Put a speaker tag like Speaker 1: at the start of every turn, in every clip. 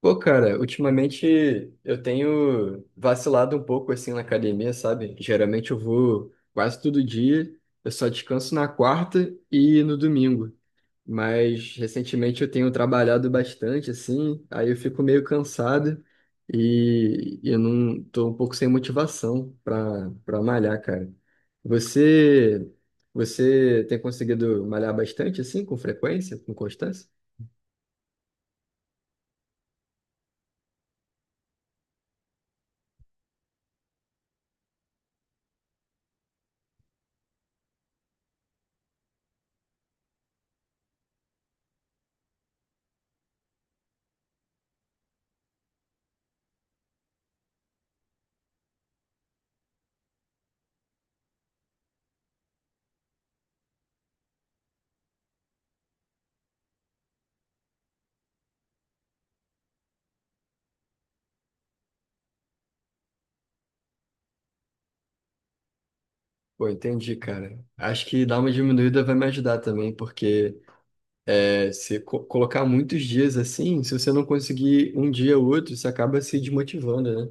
Speaker 1: Pô, cara, ultimamente eu tenho vacilado um pouco assim na academia, sabe? Geralmente eu vou quase todo dia, eu só descanso na quarta e no domingo. Mas recentemente eu tenho trabalhado bastante assim, aí eu fico meio cansado e eu não tô um pouco sem motivação para malhar, cara. Você você tem conseguido malhar bastante assim, com frequência, com constância? Pô, entendi, cara. Acho que dar uma diminuída vai me ajudar também, porque é, se colocar muitos dias assim, se você não conseguir um dia ou outro, você acaba se desmotivando, né?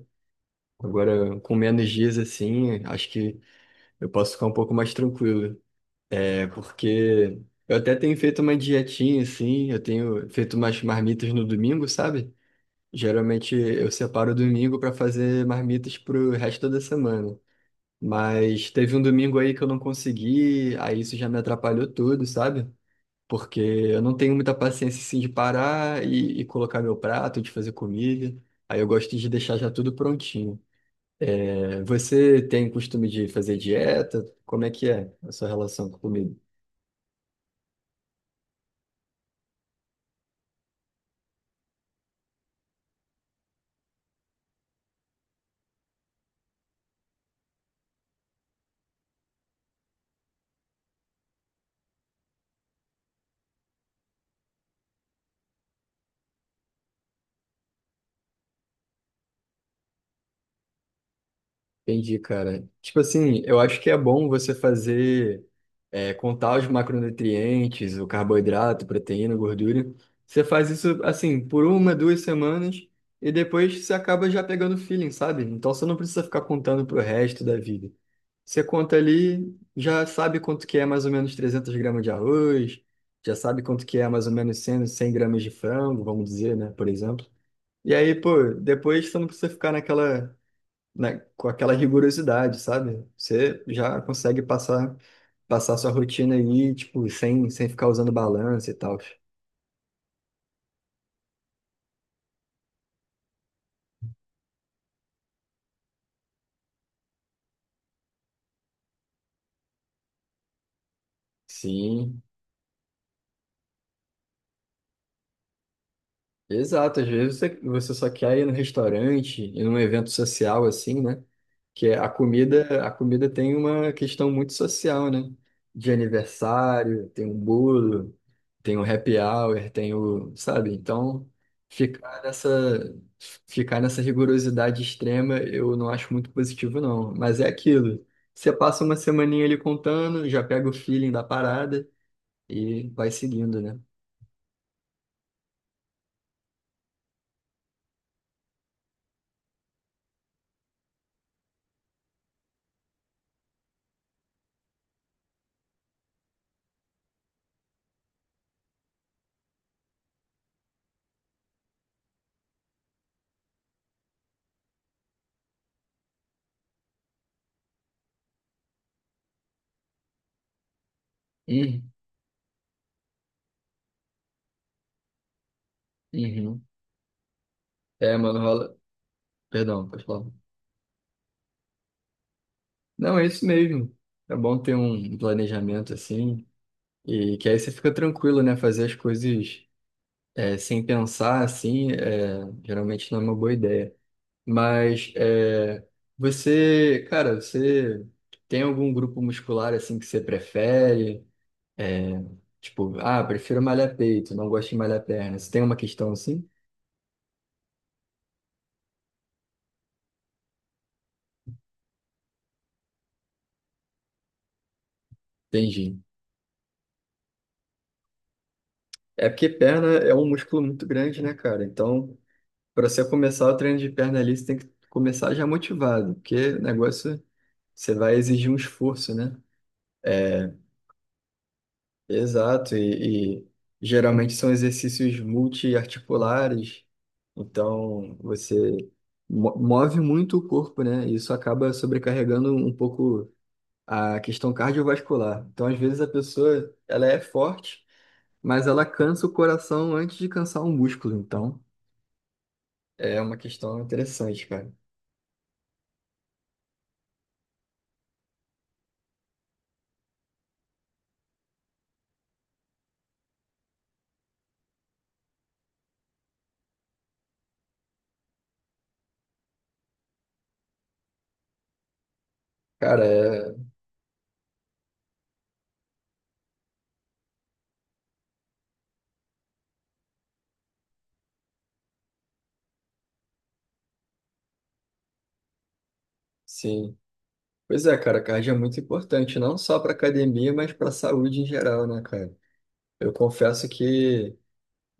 Speaker 1: Agora, com menos dias assim, acho que eu posso ficar um pouco mais tranquilo. É, porque eu até tenho feito uma dietinha assim, eu tenho feito umas marmitas no domingo, sabe? Geralmente eu separo o domingo para fazer marmitas pro resto da semana. Mas teve um domingo aí que eu não consegui, aí isso já me atrapalhou tudo, sabe? Porque eu não tenho muita paciência assim de parar e colocar meu prato, de fazer comida. Aí eu gosto de deixar já tudo prontinho. É, você tem costume de fazer dieta? Como é que é a sua relação com comida? Entendi, cara. Tipo assim, eu acho que é bom você fazer, é, contar os macronutrientes, o carboidrato, proteína, gordura. Você faz isso, assim, por uma, duas semanas e depois você acaba já pegando feeling, sabe? Então você não precisa ficar contando pro resto da vida. Você conta ali, já sabe quanto que é mais ou menos 300 g de arroz, já sabe quanto que é mais ou menos cem gramas de frango, vamos dizer, né, por exemplo. E aí, pô, depois você não precisa ficar naquela né, com aquela rigorosidade, sabe? Você já consegue passar sua rotina aí, tipo, sem ficar usando balança e tal. Sim. Exato, às vezes você só quer ir no restaurante, e num evento social assim, né? Que é a comida tem uma questão muito social, né? De aniversário, tem um bolo, tem um happy hour, tem o, sabe? Então, ficar nessa, ficar nessa rigorosidade extrema eu não acho muito positivo, não. Mas é aquilo. Você passa uma semaninha ali contando, já pega o feeling da parada e vai seguindo, né? Uhum. Uhum. É, mano, rola. Perdão, pode falar. Não, é isso mesmo. É bom ter um planejamento assim, e que aí você fica tranquilo, né? Fazer as coisas é, sem pensar assim, é, geralmente não é uma boa ideia. Mas é, você, cara, você tem algum grupo muscular assim que você prefere? É, tipo, ah, prefiro malhar peito, não gosto de malhar perna. Você tem uma questão assim? Entendi. É porque perna é um músculo muito grande, né, cara? Então. Para você começar o treino de perna ali, você tem que começar já motivado, porque o negócio você vai exigir um esforço, né? Exato, e geralmente são exercícios multiarticulares, então você move muito o corpo, né? E isso acaba sobrecarregando um pouco a questão cardiovascular. Então, às vezes a pessoa, ela é forte, mas ela cansa o coração antes de cansar o músculo, então é uma questão interessante, cara. Cara, é, sim. Pois é, cara, cardio é muito importante, não só para academia, mas para a saúde em geral, né, cara? Eu confesso que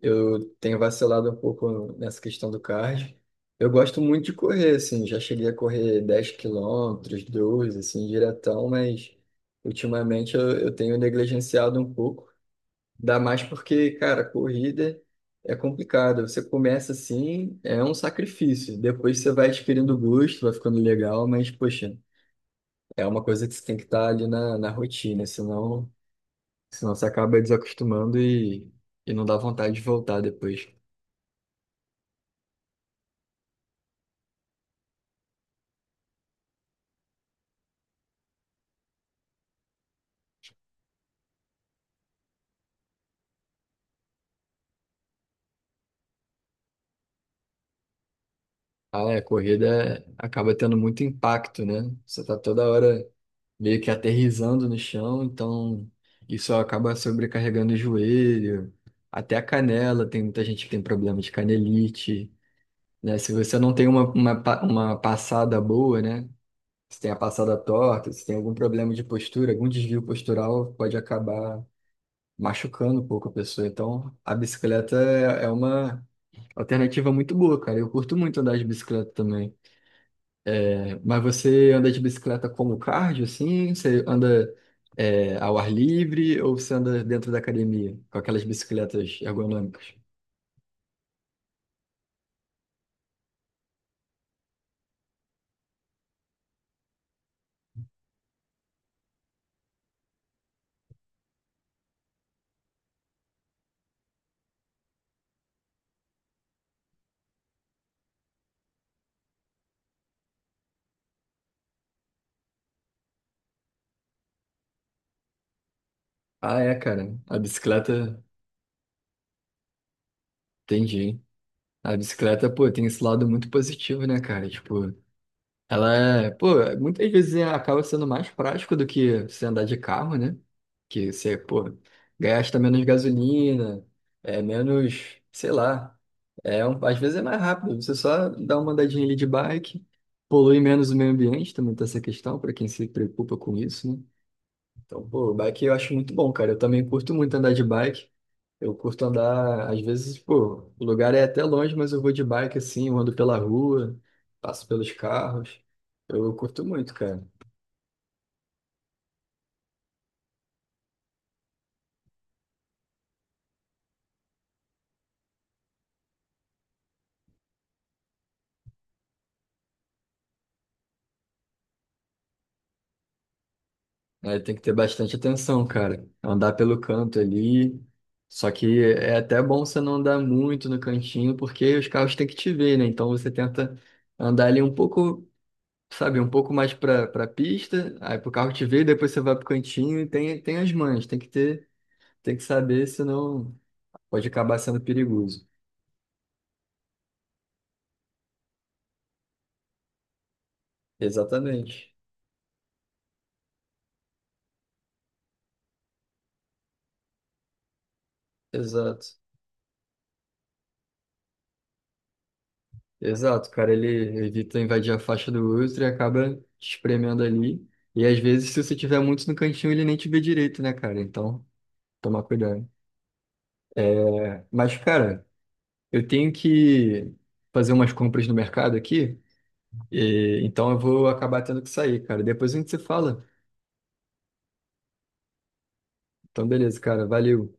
Speaker 1: eu tenho vacilado um pouco nessa questão do cardio. Eu gosto muito de correr, assim, já cheguei a correr 10 km, 12, assim, diretão, mas ultimamente eu tenho negligenciado um pouco. Dá mais porque, cara, corrida é complicado. Você começa assim, é um sacrifício. Depois você vai adquirindo gosto, vai ficando legal, mas, poxa. É uma coisa que você tem que estar ali na rotina, senão você acaba desacostumando e não dá vontade de voltar depois. Ah, é, a corrida acaba tendo muito impacto, né? Você tá toda hora meio que aterrissando no chão, então isso acaba sobrecarregando o joelho, até a canela, tem muita gente que tem problema de canelite, né? Se você não tem pa- uma passada boa, né? Se tem a passada torta, se tem algum problema de postura, algum desvio postural, pode acabar machucando um pouco a pessoa. Então, a bicicleta é uma alternativa muito boa, cara. Eu curto muito andar de bicicleta também. É, mas você anda de bicicleta como cardio, assim? Você anda, é, ao ar livre ou você anda dentro da academia com aquelas bicicletas ergonômicas? Ah, é, cara. A bicicleta, entendi. A bicicleta, pô, tem esse lado muito positivo, né, cara? Tipo, ela é, pô, muitas vezes acaba sendo mais prático do que você andar de carro, né? Que você, pô, gasta menos gasolina, é menos, sei lá. É um, às vezes é mais rápido, você só dá uma andadinha ali de bike, polui menos o meio ambiente, também tem essa questão, para quem se preocupa com isso, né? Então, pô, bike eu acho muito bom, cara. Eu também curto muito andar de bike. Eu curto andar, às vezes, pô, o lugar é até longe, mas eu vou de bike assim, eu ando pela rua, passo pelos carros. Eu curto muito, cara. É, tem que ter bastante atenção, cara. Andar pelo canto ali. Só que é até bom você não andar muito no cantinho, porque os carros têm que te ver, né? Então você tenta andar ali um pouco, sabe, um pouco mais pra pista, aí pro carro te ver, depois você vai pro cantinho e tem, tem as mães, tem que ter. Tem que saber, senão pode acabar sendo perigoso. Exatamente. Exato. Exato, cara, ele evita invadir a faixa do outro e acaba te espremendo ali. E às vezes, se você tiver muito no cantinho, ele nem te vê direito, né, cara? Então, tomar cuidado. Mas, cara, eu tenho que fazer umas compras no mercado aqui, então eu vou acabar tendo que sair, cara. Depois a gente se fala. Então, beleza, cara, valeu.